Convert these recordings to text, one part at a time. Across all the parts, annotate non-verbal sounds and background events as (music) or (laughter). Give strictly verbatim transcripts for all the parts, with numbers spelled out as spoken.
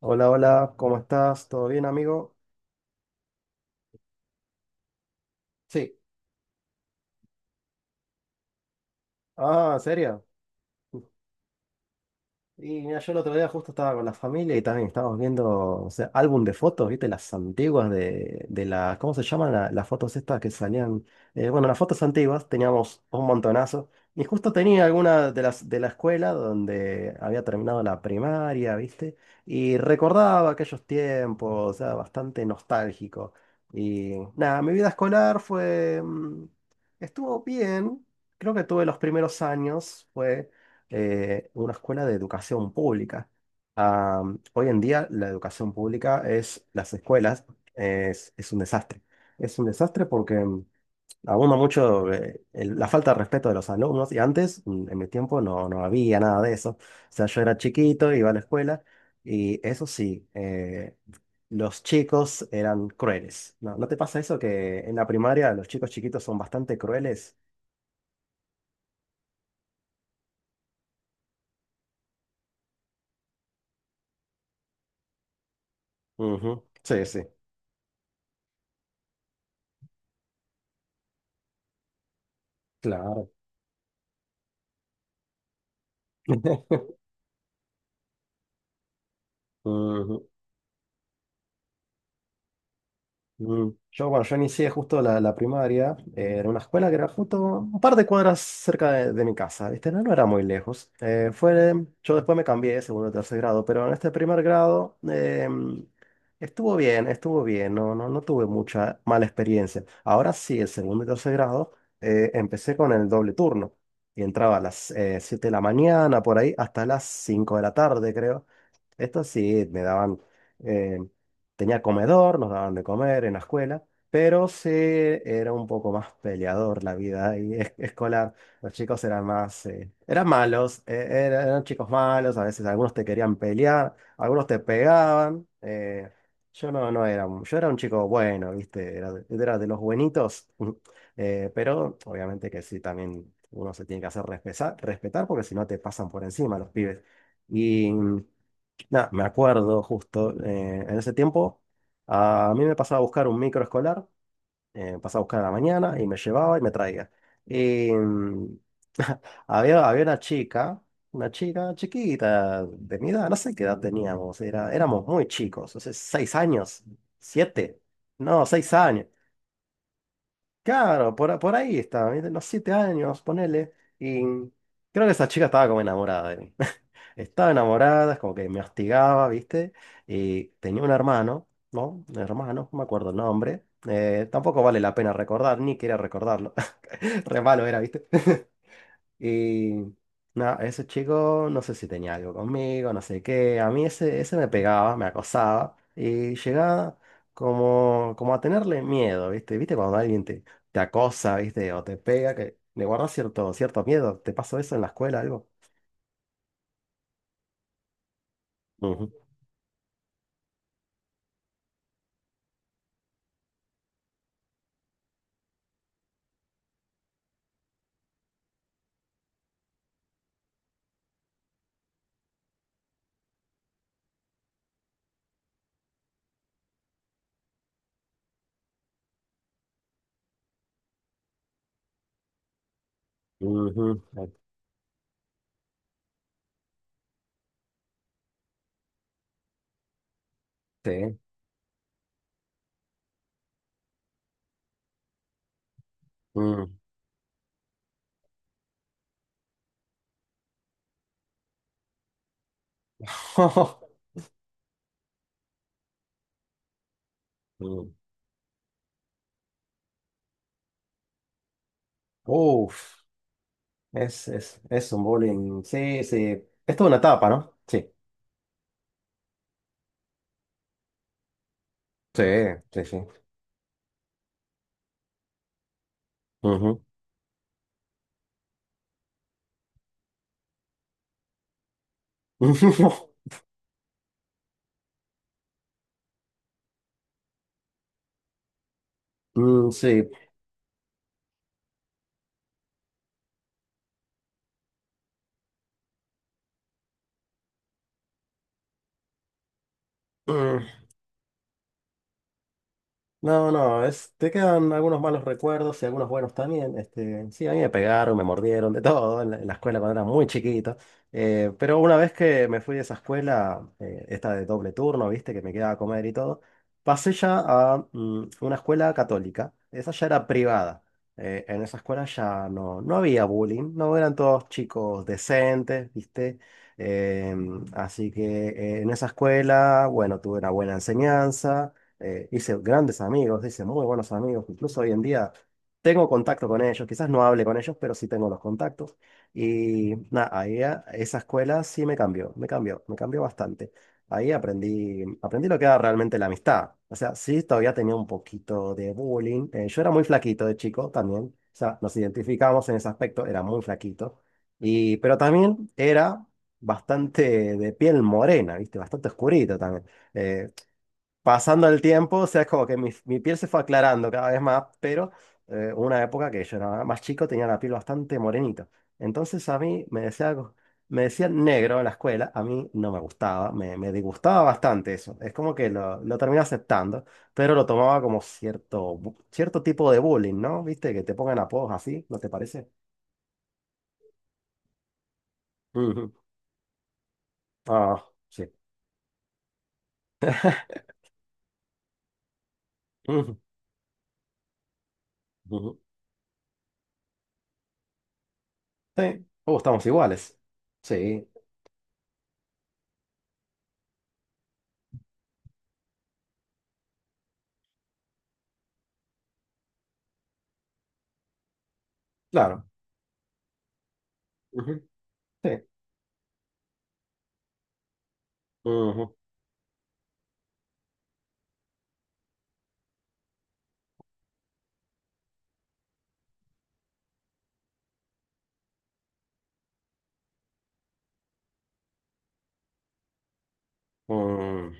Hola, hola, ¿cómo estás? ¿Todo bien, amigo? Sí. Ah, ¿en serio? Y mira, yo el otro día justo estaba con la familia y también estábamos viendo, o sea, álbum de fotos, ¿viste? Las antiguas de, de las, ¿cómo se llaman la- las fotos estas que salían? Eh, bueno, las fotos antiguas teníamos un montonazo y justo tenía alguna de las de la escuela donde había terminado la primaria, ¿viste? Y recordaba aquellos tiempos, o sea, bastante nostálgico. Y nada, mi vida escolar fue, mm, estuvo bien, creo que tuve los primeros años, fue eh, una escuela de educación pública. Am, hoy en día la educación pública es, las escuelas, es, es un desastre. Es un desastre porque mm, abunda mucho eh, el- la falta de respeto de los alumnos y antes, mm, en mi tiempo, no, no había nada de eso. O sea, yo era chiquito, iba a la escuela y eso sí, eh, los chicos eran crueles. ¿No, no te pasa eso que en la primaria los chicos chiquitos son bastante crueles? Ujú. Sí, sí, claro. (laughs) Ujú. Mm. Yo, bueno, yo inicié justo la, la primaria eh, en una escuela que era justo un par de cuadras cerca de, de mi casa, ¿viste? No, no era muy lejos. Eh, fue, yo después me cambié de segundo a tercer grado, pero en este primer grado, em, estuvo bien, estuvo bien, no, no, no tuve mucha mala experiencia. Ahora sí, el segundo y tercer grado eh, empecé con el doble turno y entraba a las eh, siete de la mañana, por ahí, hasta las cinco de la tarde, creo. Esto sí, me daban... eh, tenía comedor, nos daban de comer en la escuela, pero sí era un poco más peleador la vida ahí es- escolar. Los chicos eran más, eh, eran malos, eh, era- eran, chicos malos, a veces algunos te querían pelear, algunos te pegaban. Eh, yo no, no era, un- yo era un chico bueno, ¿viste? Era, de era de los buenitos. (laughs) Eh, pero obviamente que sí, también uno se tiene que hacer respesa- respetar porque si no te pasan por encima los pibes. Y. Nah, me acuerdo justo, eh, en ese tiempo a mí me pasaba a buscar un micro escolar, eh, pasaba a buscar a la mañana y me llevaba y me traía. Y mm, (laughs) había, había una chica, una chica chiquita de mi edad, no sé qué edad teníamos, era, éramos muy chicos, o sea, seis años, siete, no, seis años. Claro, por, por ahí estaba, ¿viste? Unos siete años, ponele. Y creo que esa chica estaba como enamorada de mí. Estaba enamorada, es como que me hostigaba, ¿viste? Y tenía un hermano, ¿no? Un hermano, no me acuerdo el nombre. Eh, tampoco vale la pena recordar, ni quería recordarlo. (laughs) Re malo era, ¿viste? (laughs) Y nada, ese chico no sé si tenía algo conmigo, no sé qué. A mí ese, ese me pegaba, me acosaba y llegaba como, como a tenerle miedo, ¿viste? ¿Viste cuando alguien te, te acosa, ¿viste? O te pega, que le guardas cierto, cierto miedo. ¿Te pasó eso en la escuela, algo? Ujú, ujú. Sí. Mm. (laughs) Mm. Uf, es, es, es un bowling. Sí, sí. Esto es una etapa, ¿no? Sí. Sí, sí, sí. Ujú. (laughs) Mm, sí. Mm. No, no, es, te quedan algunos malos recuerdos y algunos buenos también. Este, sí, a mí me pegaron, me mordieron, de todo en la, en la escuela cuando era muy chiquito. Eh, pero una vez que me fui de esa escuela, eh, esta de doble turno, viste, que me quedaba a comer y todo, pasé ya a mm, una escuela católica. Esa ya era privada. Eh, en esa escuela ya no, no había bullying, no eran todos chicos decentes, viste. Em, así que eh, en esa escuela, bueno, tuve una buena enseñanza, eh, hice grandes amigos, hice muy buenos amigos, incluso hoy en día tengo contacto con ellos, quizás no hable con ellos, pero sí tengo los contactos. Y nada, ahí a- esa escuela sí me cambió, me cambió, me cambió bastante. Ahí aprendí, aprendí lo que era realmente la amistad. O sea, sí, todavía tenía un poquito de bullying. Eh, yo era muy flaquito de chico también. O sea, nos identificamos en ese aspecto, era muy flaquito. Y pero también era bastante de piel morena, ¿viste? Bastante oscurito también. Eh, Pasando el tiempo, o sea, es como que mi, mi piel se fue aclarando cada vez más, pero eh, una época que yo era más chico tenía la piel bastante morenita. Entonces a mí me decía algo- me decían negro en la escuela, a mí no me gustaba, me, me disgustaba bastante eso. Es como que lo, lo terminé aceptando, pero lo tomaba como cierto, bu- cierto tipo de bullying, ¿no? ¿Viste? Que te pongan apodos así, ¿no te parece? Ujú. Ah, sí. Ujú, ujú. Sí. Oh, estamos iguales. Sí, claro. Ujú. Sí. Ujú. Mm,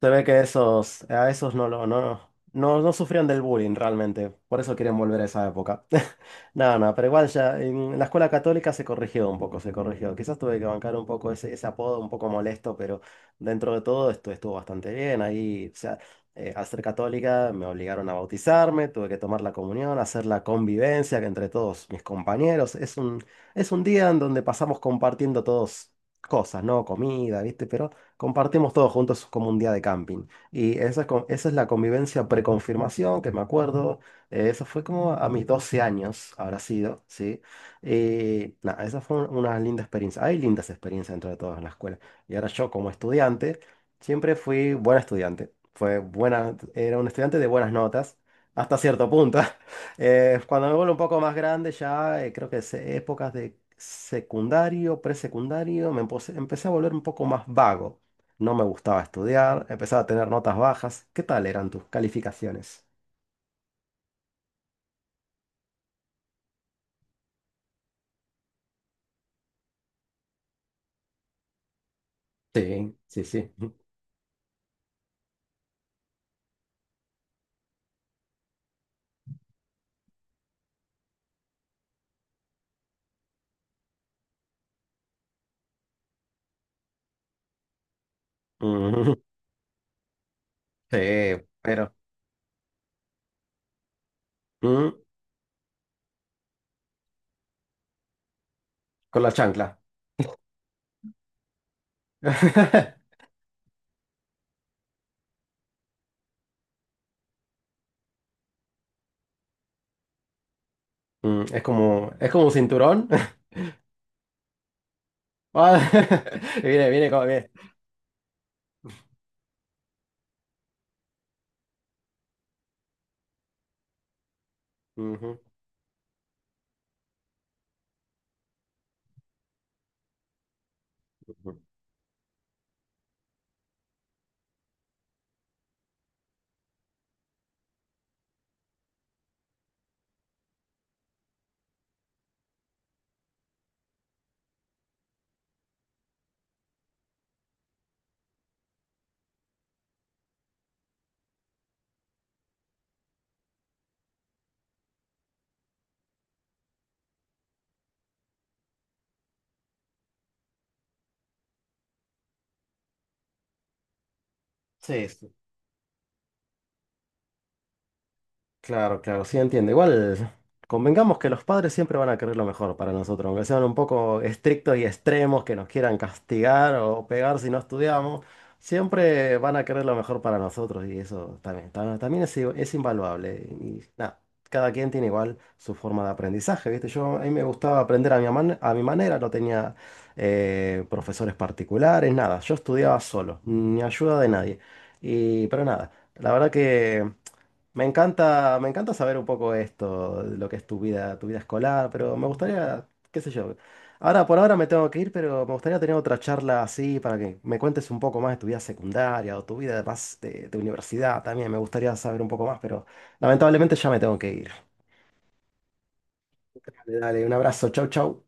Se ve que esos, a esos no lo, no, no, no, no sufrían del bullying realmente. Por eso quieren volver a esa época. (laughs) No, no, pero igual ya en la escuela católica se corrigió un poco, se corrigió. Quizás tuve que bancar un poco ese, ese apodo un poco molesto, pero dentro de todo esto estuvo bastante bien. Ahí, o sea, eh, al ser católica me obligaron a bautizarme, tuve que tomar la comunión, hacer la convivencia que entre todos mis compañeros. Es un, es un día en donde pasamos compartiendo todos cosas, ¿no? Comida, ¿viste? Pero compartimos todos juntos como un día de camping. Y esa es, co- esa es la convivencia preconfirmación, que me acuerdo, eh, eso fue como a mis doce años, habrá sido, ¿sí? Y nada, esa fue un- una linda experiencia. Hay lindas experiencias dentro de todas en la escuela. Y ahora yo como estudiante, siempre fui buen estudiante. Fue buena, era un estudiante de buenas notas, hasta cierto punto. (laughs) Eh, cuando me vuelvo un poco más grande, ya eh, creo que se- épocas de secundario, presecundario, me empose- empecé a volver un poco más vago. No me gustaba estudiar, empezaba a tener notas bajas. ¿Qué tal eran tus calificaciones? Sí, sí, sí. Ujú. (laughs) Sí, pero mm, con la chancla. (laughs) Mm, Es como, es como un cinturón. (laughs) Ah, (laughs) viene, viene como bien. Ujú, ujú. Sí, sí. Claro, claro, sí entiendo. Igual, convengamos que los padres siempre van a querer lo mejor para nosotros, aunque sean un poco estrictos y extremos, que nos quieran castigar o pegar si no estudiamos, siempre van a querer lo mejor para nosotros y eso también, ta- también es, i- es invaluable. Y nada, cada quien tiene igual su forma de aprendizaje, ¿viste? Yo a mí me gustaba aprender a mi, aman- a mi manera, no tenía eh, profesores particulares, nada, yo estudiaba solo, ni ayuda de nadie. Y pero nada, la verdad que. Me encanta, me encanta saber un poco esto, de lo que es tu vida, tu vida escolar, pero me gustaría, qué sé yo. Ahora, por ahora me tengo que ir, pero me gustaría tener otra charla así para que me cuentes un poco más de tu vida secundaria o tu vida más de, de universidad también. Me gustaría saber un poco más, pero lamentablemente ya me tengo que ir. Dale, dale, un abrazo, chau, chau.